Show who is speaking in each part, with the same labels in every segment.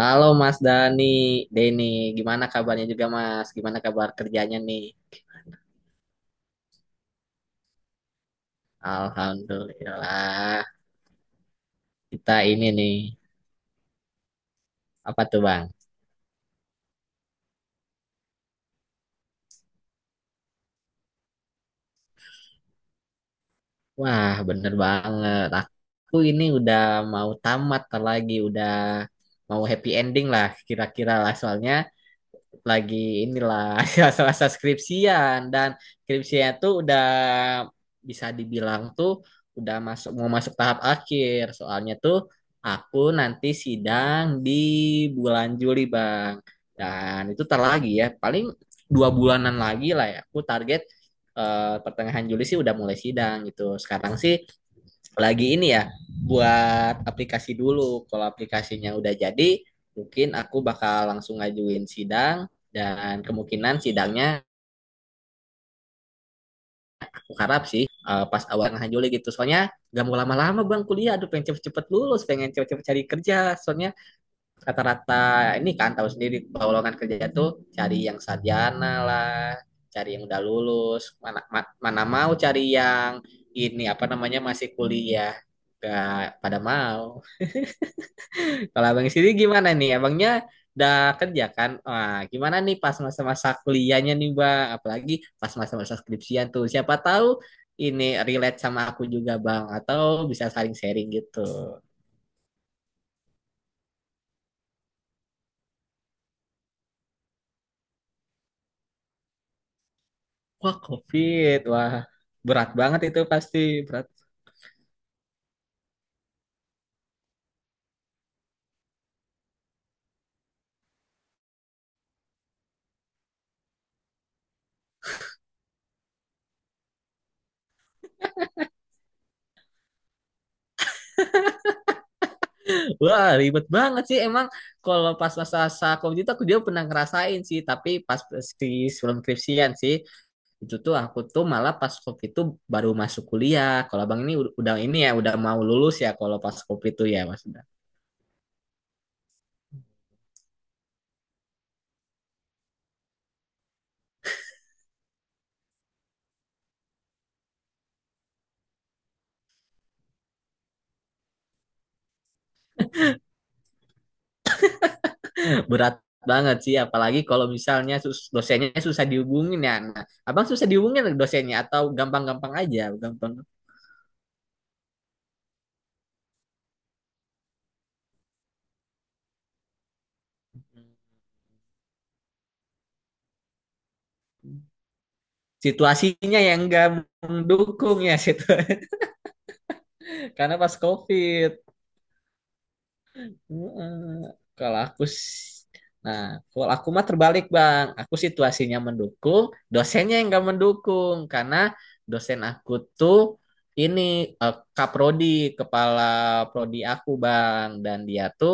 Speaker 1: Halo Mas Deni, gimana kabarnya juga Mas? Gimana kabar kerjanya nih? Alhamdulillah, kita ini nih, apa tuh Bang? Wah, bener banget. Aku ini udah mau tamat ntar lagi, udah mau happy ending lah, kira-kira lah. Soalnya lagi inilah masa-masa skripsian dan skripsinya tuh udah bisa dibilang tuh udah mau masuk tahap akhir. Soalnya tuh aku nanti sidang di bulan Juli, Bang. Dan itu tar lagi ya, paling dua bulanan lagi lah ya. Aku target pertengahan Juli sih udah mulai sidang gitu. Sekarang sih lagi ini ya buat aplikasi dulu. Kalau aplikasinya udah jadi, mungkin aku bakal langsung ngajuin sidang dan kemungkinan sidangnya aku harap sih pas awal tengah Juli gitu. Soalnya gak mau lama-lama bang kuliah, aduh pengen cepet-cepet lulus, pengen cepet-cepet cari kerja. Soalnya rata-rata ini kan tahu sendiri kalau lowongan kerja tuh cari yang sarjana lah, cari yang udah lulus. Mana mana mau cari yang ini apa namanya masih kuliah, gak pada mau. Kalau abang sendiri gimana nih? Abangnya udah kerja kan? Wah, gimana nih pas masa-masa kuliahnya nih, Bang? Apalagi pas masa-masa skripsian tuh. Siapa tahu ini relate sama aku juga, Bang. Atau bisa saling sharing gitu. Wah, COVID. Wah, berat banget itu pasti. Berat. Wah, ribet banget sih. Emang kalau pas masa-masa COVID itu aku juga pernah ngerasain sih. Tapi pas si sebelum skripsian sih. Itu tuh aku tuh malah pas COVID tuh baru masuk kuliah. Kalau abang ini udah ini ya udah mau lulus ya kalau pas COVID tuh ya mas. Berat banget sih apalagi kalau misalnya dosennya susah dihubungin ya. Nah, abang susah dihubungin dosennya atau gampang-gampang aja, gampang. Situasinya yang nggak mendukung ya situ karena pas COVID. Eh, Kalau aku s- nah, kalau aku mah terbalik, Bang. Aku situasinya mendukung, dosennya yang nggak mendukung karena dosen aku tuh ini kaprodi, kepala prodi aku, Bang. Dan dia tuh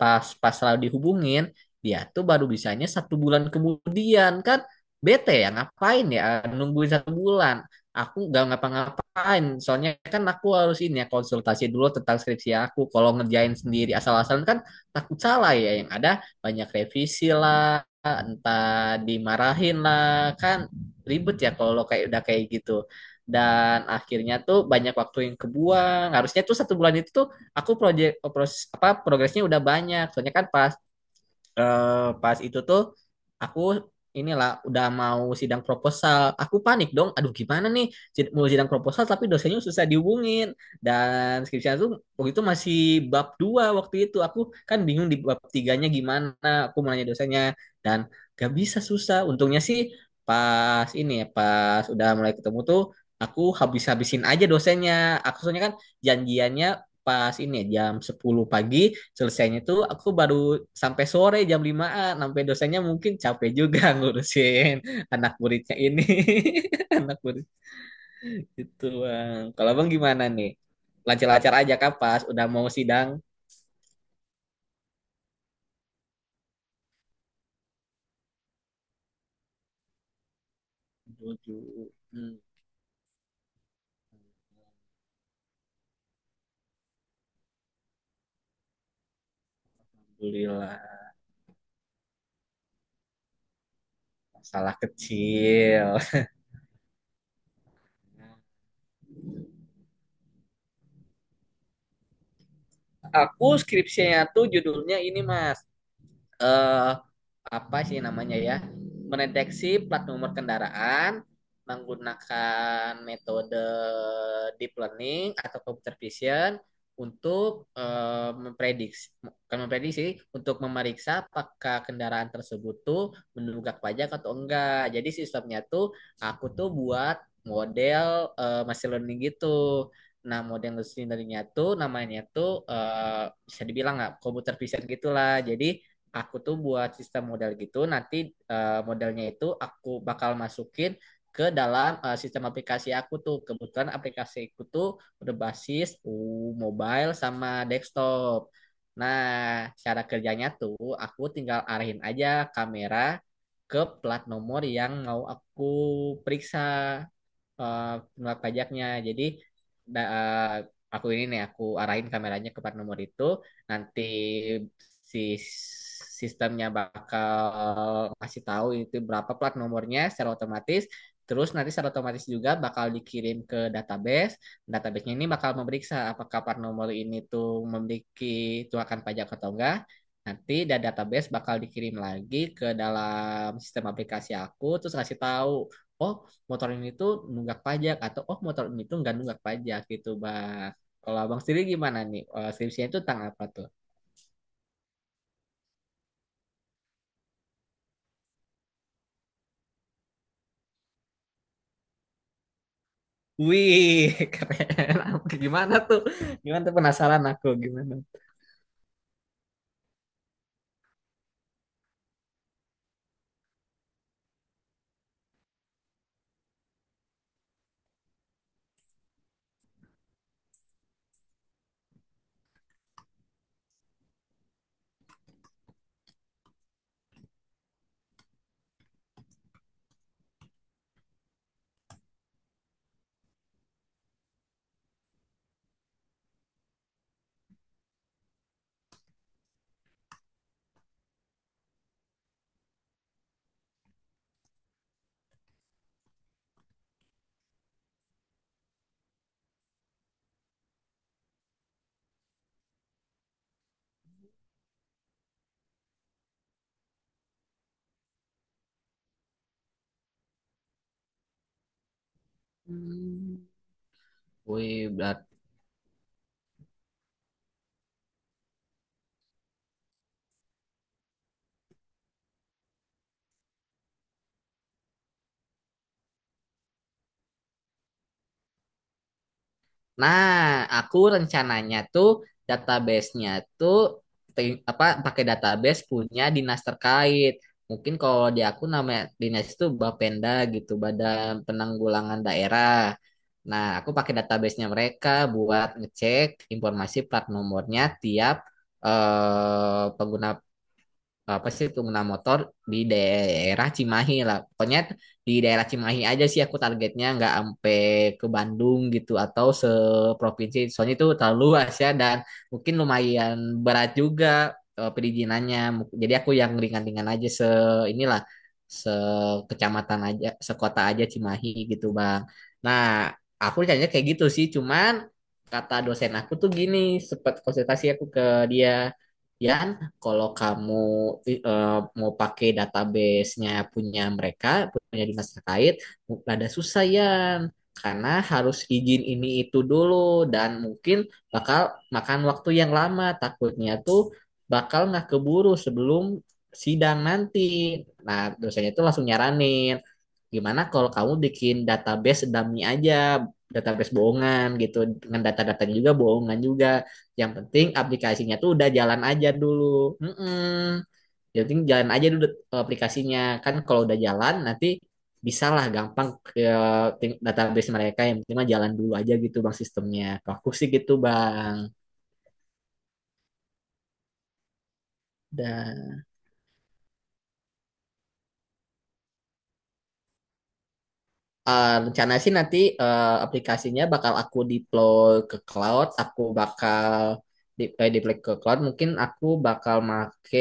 Speaker 1: pas pas selalu dihubungin, dia tuh baru bisanya satu bulan kemudian kan bete ya ngapain ya nungguin satu bulan aku nggak ngapa-ngapain soalnya kan aku harus ini ya konsultasi dulu tentang skripsi aku kalau ngerjain sendiri asal-asalan kan takut salah ya yang ada banyak revisi lah entah dimarahin lah kan ribet ya kalau kayak udah kayak gitu dan akhirnya tuh banyak waktu yang kebuang harusnya tuh satu bulan itu tuh aku apa progresnya udah banyak soalnya kan pas itu tuh aku inilah udah mau sidang proposal. Aku panik dong. Aduh gimana nih mau sidang proposal tapi dosennya susah dihubungin. Dan skripsinya tuh waktu itu masih bab 2 waktu itu. Aku kan bingung di bab 3-nya gimana. Aku mau nanya dosennya dan gak bisa susah. Untungnya sih pas ini ya pas udah mulai ketemu tuh aku habis-habisin aja dosennya. Aku soalnya kan janjiannya pas ini ya, jam 10 pagi selesainya tuh aku baru sampai sore jam 5-an sampai dosennya mungkin capek juga ngurusin anak muridnya ini anak murid itu bang kalau bang gimana nih lancar-lancar aja kah pas udah mau sidang. Waduh, alhamdulillah masalah kecil. Aku skripsinya tuh judulnya ini mas eh apa sih namanya ya mendeteksi plat nomor kendaraan menggunakan metode deep learning atau computer vision untuk memprediksi bukan memprediksi untuk memeriksa apakah kendaraan tersebut tuh menunggak pajak atau enggak. Jadi sistemnya tuh aku tuh buat model machine learning gitu. Nah, model machine learningnya tuh namanya tuh bisa dibilang nggak computer vision gitulah. Jadi aku tuh buat sistem modal gitu nanti modelnya itu aku bakal masukin ke dalam sistem aplikasi aku tuh kebetulan aplikasi aku tuh udah basis mobile sama desktop nah cara kerjanya tuh aku tinggal arahin aja kamera ke plat nomor yang mau aku periksa eh penolak pajaknya. Jadi da- eh, aku ini nih aku arahin kameranya ke plat nomor itu. Nanti si sistemnya bakal kasih tahu itu berapa plat nomornya secara otomatis. Terus nanti secara otomatis juga bakal dikirim ke database. Database-nya ini bakal memeriksa apakah plat nomor ini tuh memiliki tunggakan pajak atau enggak. Nanti dari database bakal dikirim lagi ke dalam sistem aplikasi aku, terus kasih tahu, oh motor ini tuh nunggak pajak atau oh motor ini tuh nggak nunggak pajak gitu bang. Kalau abang sendiri gimana nih? Skripsinya itu tentang apa tuh? Wih, keren. Gimana tuh? Gimana tuh penasaran aku gimana? Hmm. Wih, berat. Nah, aku rencananya tuh database-nya tuh apa pakai database punya dinas terkait. Mungkin kalau di aku namanya dinas itu Bapenda gitu, Badan Penanggulangan Daerah. Nah, aku pakai database-nya mereka buat ngecek informasi plat nomornya tiap pengguna apa sih pengguna motor di daerah Cimahi lah. Pokoknya di daerah Cimahi aja sih aku targetnya nggak sampai ke Bandung gitu atau seprovinsi. Soalnya itu terlalu luas ya dan mungkin lumayan berat juga perizinannya. Jadi aku yang ringan-ringan aja inilah sekecamatan aja, sekota aja Cimahi gitu Bang. Nah, aku rencananya kayak gitu sih. Cuman kata dosen aku tuh gini, sempat konsultasi aku ke dia. Yan, kalau kamu eh, mau pakai database-nya punya mereka, punya dinas terkait, rada susah ya. Karena harus izin ini itu dulu dan mungkin bakal makan waktu yang lama. Takutnya tuh bakal nggak keburu sebelum sidang nanti. Nah, dosennya itu langsung nyaranin, gimana kalau kamu bikin database dummy aja, database bohongan gitu, dengan data-data juga bohongan juga. Yang penting aplikasinya tuh udah jalan aja dulu. Mm-mm. Yang penting jalan aja dulu aplikasinya. Kan kalau udah jalan nanti bisalah gampang ke database mereka yang penting mah jalan dulu aja gitu bang sistemnya. Kalau aku sih gitu bang. Dah. Rencana sih nanti aplikasinya bakal aku deploy ke cloud, aku bakal deploy ke cloud. Mungkin aku bakal make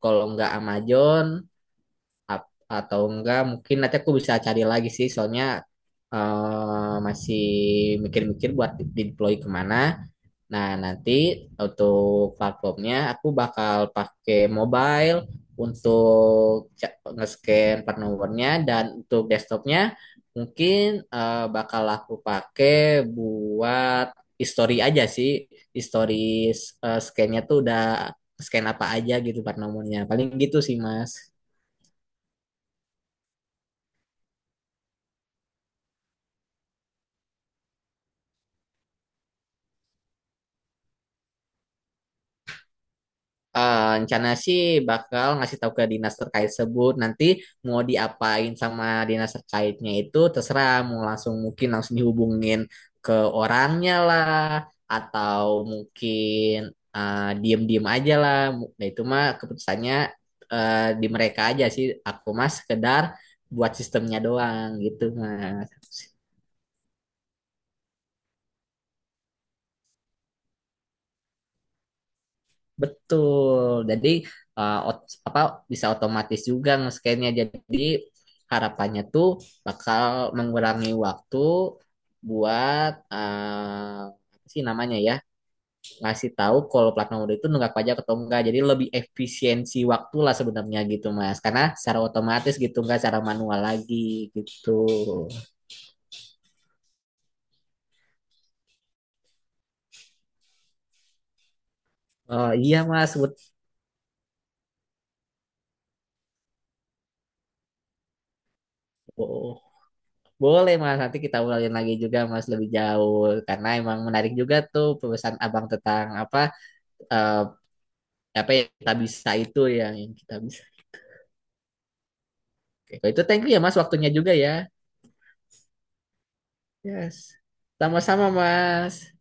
Speaker 1: kalau nggak Amazon ap- atau enggak mungkin nanti aku bisa cari lagi sih, soalnya masih mikir-mikir buat di deploy kemana. Nah, nanti untuk platformnya aku bakal pakai mobile untuk nge-scan part numbernya dan untuk desktopnya mungkin bakal aku pakai buat history aja sih. History scan-nya tuh udah scan apa aja gitu part nomornya. Paling gitu sih, Mas. Rencana sih bakal ngasih tahu ke dinas terkait sebut nanti mau diapain sama dinas terkaitnya itu terserah mau langsung mungkin langsung dihubungin ke orangnya lah atau mungkin diem-diem aja lah nah itu mah keputusannya di mereka aja sih aku mah sekedar buat sistemnya doang gitu mas. Betul. Jadi apa bisa otomatis juga nge-scan-nya. Jadi harapannya tuh bakal mengurangi waktu buat apa sih namanya ya ngasih tahu kalau plat nomor itu nunggak pajak atau enggak. Jadi lebih efisiensi waktu lah sebenarnya gitu Mas. Karena secara otomatis gitu enggak secara manual lagi gitu. Oh iya Mas. Betul. Boleh Mas, nanti kita ulangin lagi juga Mas lebih jauh karena emang menarik juga tuh pesan Abang tentang apa eh, apa yang kita bisa itu yang kita bisa. Oke, kalau itu thank you ya Mas waktunya juga ya. Yes. Sama-sama Mas.